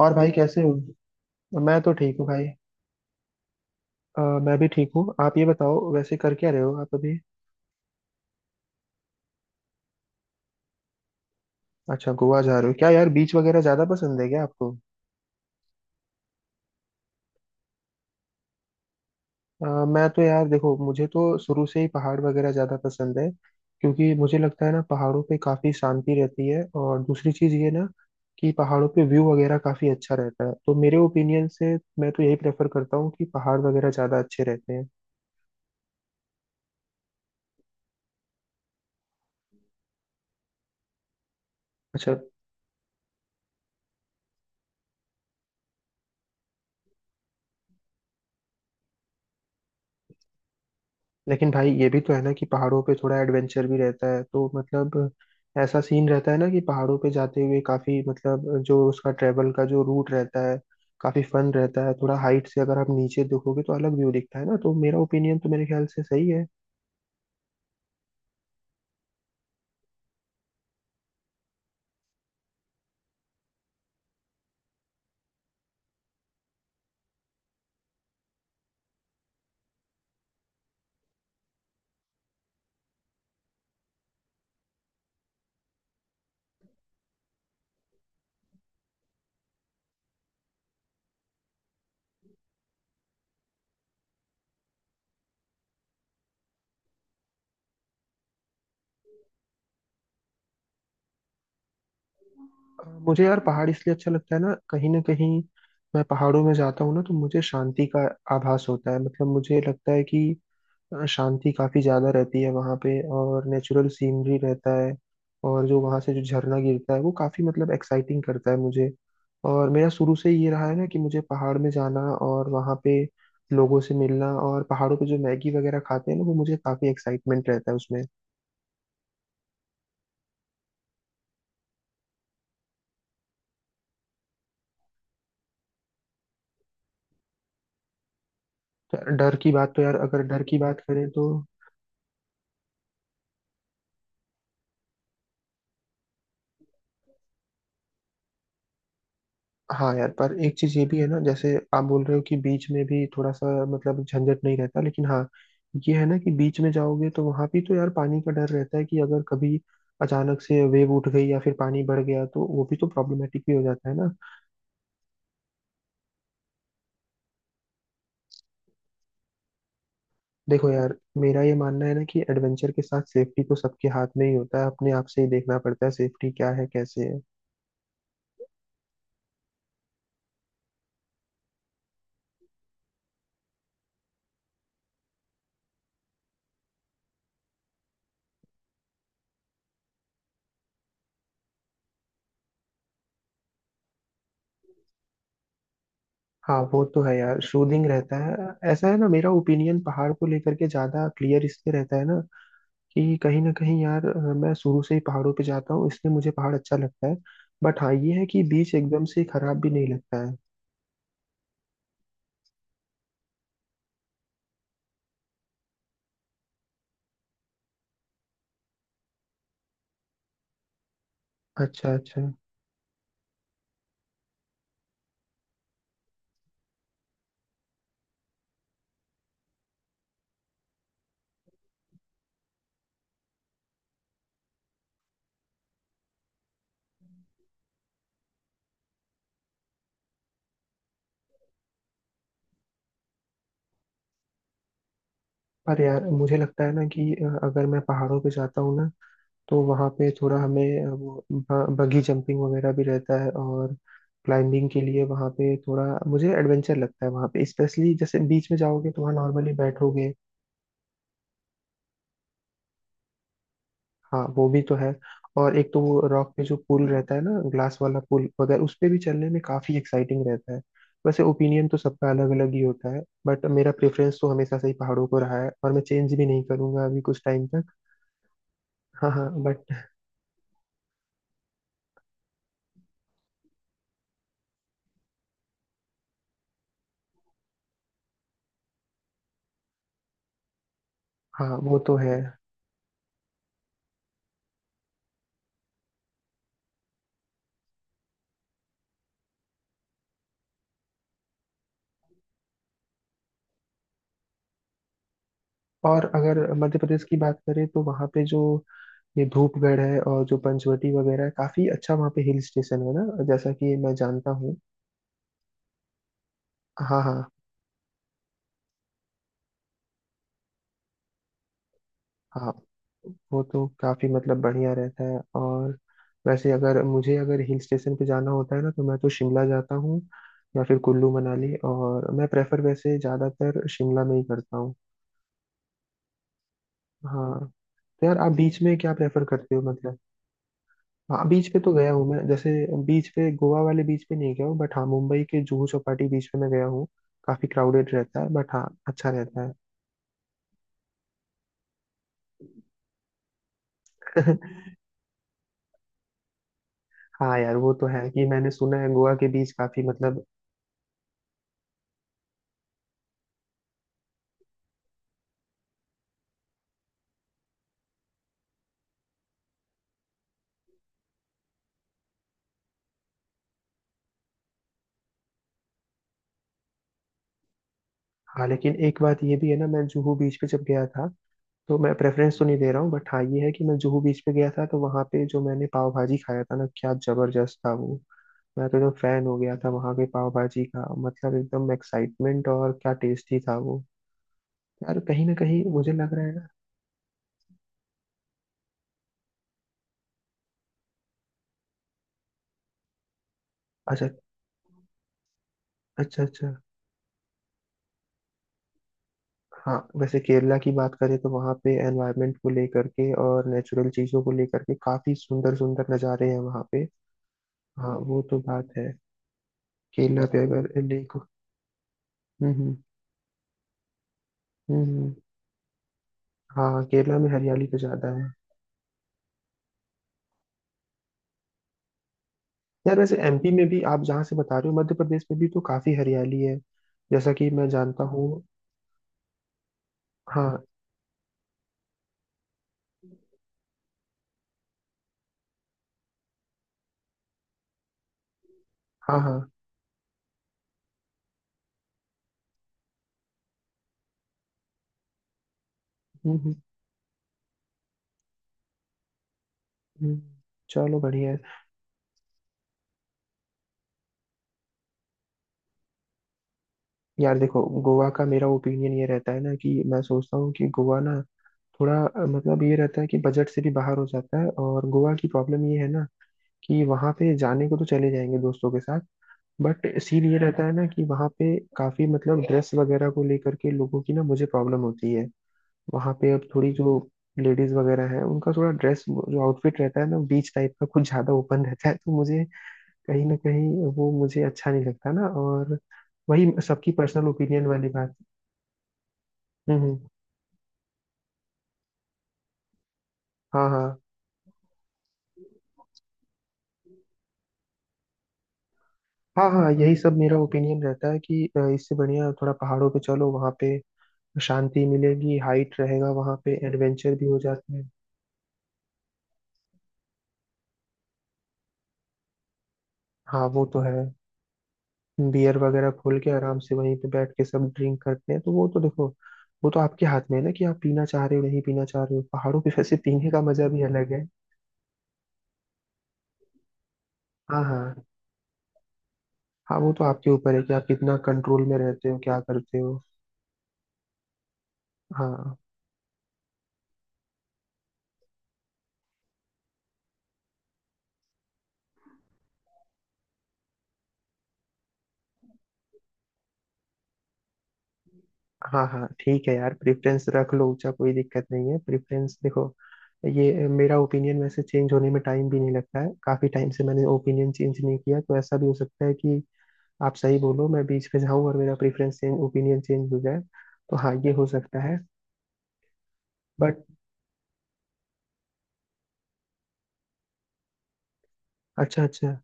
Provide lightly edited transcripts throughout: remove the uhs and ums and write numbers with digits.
और भाई कैसे हो। मैं तो ठीक हूँ भाई। मैं भी ठीक हूँ। आप ये बताओ वैसे कर क्या रहे हो आप अभी? अच्छा, गोवा जा रहे हो क्या यार? बीच वगैरह ज्यादा पसंद है क्या आपको? अ, मैं तो यार देखो, मुझे तो शुरू से ही पहाड़ वगैरह ज्यादा पसंद है, क्योंकि मुझे लगता है ना पहाड़ों पे काफी शांति रहती है। और दूसरी चीज ये ना कि पहाड़ों पे व्यू वगैरह काफी अच्छा रहता है। तो मेरे ओपिनियन से मैं तो यही प्रेफर करता हूँ कि पहाड़ वगैरह ज्यादा अच्छे रहते हैं। अच्छा। लेकिन भाई ये भी तो है ना कि पहाड़ों पे थोड़ा एडवेंचर भी रहता है, तो मतलब ऐसा सीन रहता है ना कि पहाड़ों पे जाते हुए काफी, मतलब जो उसका ट्रेवल का जो रूट रहता है, काफी फन रहता है। थोड़ा हाइट से अगर आप नीचे देखोगे तो अलग व्यू दिखता है ना। तो मेरा ओपिनियन तो मेरे ख्याल से सही है। मुझे यार पहाड़ इसलिए अच्छा लगता है ना, कहीं ना कहीं मैं पहाड़ों में जाता हूँ ना तो मुझे शांति का आभास होता है। मतलब मुझे लगता है कि शांति काफी ज्यादा रहती है वहाँ पे, और नेचुरल सीनरी रहता है। और जो वहाँ से जो झरना गिरता है वो काफी, मतलब एक्साइटिंग करता है मुझे। और मेरा शुरू से ये रहा है ना कि मुझे पहाड़ में जाना, और वहाँ पे लोगों से मिलना, और पहाड़ों पे जो मैगी वगैरह खाते हैं ना, वो मुझे काफी एक्साइटमेंट रहता है उसमें। तो डर की बात तो यार, अगर डर की बात करें तो हाँ यार, पर एक चीज ये भी है ना, जैसे आप बोल रहे हो कि बीच में भी थोड़ा सा मतलब झंझट नहीं रहता, लेकिन हाँ ये है ना कि बीच में जाओगे तो वहां भी तो यार पानी का डर रहता है कि अगर कभी अचानक से वेव उठ गई या फिर पानी बढ़ गया तो वो भी तो प्रॉब्लमेटिक भी हो जाता है ना। देखो यार, मेरा ये मानना है ना कि एडवेंचर के साथ सेफ्टी तो सबके हाथ में ही होता है, अपने आप से ही देखना पड़ता है सेफ्टी क्या है, कैसे है। हाँ वो तो है यार, सूदिंग रहता है। ऐसा है ना, मेरा ओपिनियन पहाड़ को लेकर के ज्यादा क्लियर इसलिए रहता है ना कि कहीं ना कहीं यार, मैं शुरू से ही पहाड़ों पे जाता हूँ इसलिए मुझे पहाड़ अच्छा लगता है। बट हाँ ये है कि बीच एकदम से खराब भी नहीं लगता है। अच्छा अच्छा। पर यार मुझे लगता है ना कि अगर मैं पहाड़ों पे जाता हूँ ना, तो वहाँ पे थोड़ा हमें वो बगी जंपिंग वगैरह भी रहता है, और क्लाइंबिंग के लिए वहाँ पे थोड़ा मुझे एडवेंचर लगता है वहाँ पे। स्पेशली जैसे बीच में जाओगे तो वहाँ नॉर्मली बैठोगे। हाँ वो भी तो है। और एक तो वो रॉक पे जो पुल रहता है ना, ग्लास वाला पुल वगैरह, उस पे भी चलने में काफी एक्साइटिंग रहता है। वैसे ओपिनियन तो सबका अलग अलग ही होता है, बट मेरा प्रेफरेंस तो हमेशा से ही पहाड़ों को रहा है और मैं चेंज भी नहीं करूंगा अभी कुछ टाइम तक। हाँ हाँ बट, हाँ वो तो है। और अगर मध्य प्रदेश की बात करें तो वहाँ पे जो ये धूपगढ़ है और जो पंचवटी वगैरह है, काफी अच्छा वहाँ पे हिल स्टेशन है ना, जैसा कि मैं जानता हूँ। हाँ हाँ। हाँ वो तो काफी मतलब बढ़िया रहता है। और वैसे अगर मुझे अगर हिल स्टेशन पे जाना होता है ना, तो मैं तो शिमला जाता हूँ या फिर कुल्लू मनाली, और मैं प्रेफर वैसे ज्यादातर शिमला में ही करता हूँ। हाँ। तो यार आप बीच में क्या प्रेफर करते हो, मतलब? हाँ बीच पे तो गया हूँ मैं, जैसे बीच पे गोवा वाले बीच पे नहीं गया हूँ, बट हाँ मुंबई के जुहू चौपाटी बीच पे मैं गया हूँ। काफी क्राउडेड रहता है बट हाँ अच्छा रहता है। हाँ यार वो तो है कि मैंने सुना है गोवा के बीच काफी मतलब। हाँ लेकिन एक बात ये भी है ना, मैं जुहू बीच पे जब गया था, तो मैं प्रेफरेंस तो नहीं दे रहा हूँ, बट हाँ ये है कि मैं जुहू बीच पे गया था तो वहाँ पे जो मैंने पाव भाजी खाया था ना, क्या जबरदस्त था वो। मैं तो एकदम फैन हो गया था वहाँ के पाव भाजी का, मतलब एकदम एक्साइटमेंट, और क्या टेस्टी था वो। यार कहीं ना कहीं मुझे लग रहा है ना। अच्छा अच्छा। अच्छा। हाँ वैसे केरला की बात करें तो वहाँ पे एनवायरनमेंट को लेकर के और नेचुरल चीज़ों को लेकर के काफ़ी सुंदर सुंदर नज़ारे हैं वहाँ पे। हाँ वो तो बात है। केरला पे अगर लेक। हम्म। हम्म। हाँ केरला में हरियाली तो ज्यादा है। यार वैसे एमपी में भी, आप जहाँ से बता रहे हो, मध्य प्रदेश में भी तो काफी हरियाली है, जैसा कि मैं जानता हूँ। हाँ हाँ। हाँ। हम्म हम्म, हम्म। चलो बढ़िया है। यार देखो, गोवा का मेरा ओपिनियन ये रहता है ना कि मैं सोचता हूँ कि गोवा ना थोड़ा मतलब ये रहता है कि बजट से भी बाहर हो जाता है। और गोवा की प्रॉब्लम ये है ना कि वहाँ पे जाने को तो चले जाएंगे दोस्तों के साथ, बट सीन ये रहता है ना कि वहाँ पे काफी, मतलब ड्रेस वगैरह को लेकर के लोगों की ना मुझे प्रॉब्लम होती है। वहां पे अब थोड़ी जो लेडीज वगैरह है उनका थोड़ा ड्रेस, जो आउटफिट रहता है ना बीच टाइप का, कुछ ज्यादा ओपन रहता है, तो मुझे कहीं ना कहीं वो मुझे अच्छा नहीं लगता ना। और वही सबकी पर्सनल ओपिनियन वाली बात। हम्म हम्म, हाँ हाँ। हाँ हाँ यही सब मेरा ओपिनियन रहता है कि इससे बढ़िया थोड़ा पहाड़ों पे चलो, वहाँ पे शांति मिलेगी, हाइट रहेगा, वहाँ पे एडवेंचर भी हो जाता है। हाँ वो तो है। बियर वगैरह खोल के आराम से वहीं पे बैठ के सब ड्रिंक करते हैं, तो वो तो देखो, वो तो आपके हाथ में है ना कि आप पीना चाह रहे हो नहीं पीना चाह रहे हो। पहाड़ों पे वैसे पीने का मजा भी अलग है। हाँ हाँ। हाँ वो तो आपके ऊपर है कि आप कितना कंट्रोल में रहते हो, क्या करते हो। हाँ हाँ। हाँ ठीक है यार, प्रेफरेंस रख लो ऊंचा, कोई दिक्कत नहीं है, प्रेफरेंस देखो। ये मेरा ओपिनियन वैसे चेंज होने में टाइम भी नहीं लगता है, काफी टाइम से मैंने ओपिनियन चेंज नहीं किया, तो ऐसा भी हो सकता है कि आप सही बोलो, मैं बीच में जाऊं और मेरा प्रेफरेंस चेंज, ओपिनियन चेंज हो जाए। तो हाँ ये हो सकता है। बट अच्छा अच्छा।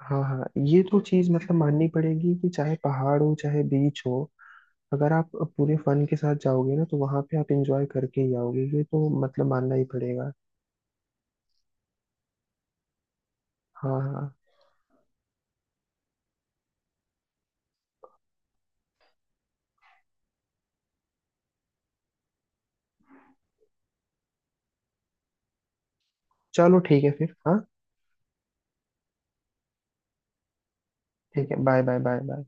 हाँ हाँ ये तो चीज मतलब माननी पड़ेगी कि चाहे पहाड़ हो चाहे बीच हो, अगर आप पूरे फन के साथ जाओगे ना तो वहां पे आप एंजॉय करके ही आओगे, ये तो मतलब मानना ही पड़ेगा। हाँ हाँ हाँ। चलो ठीक है फिर, हाँ ठीक है। Bye bye. Bye bye.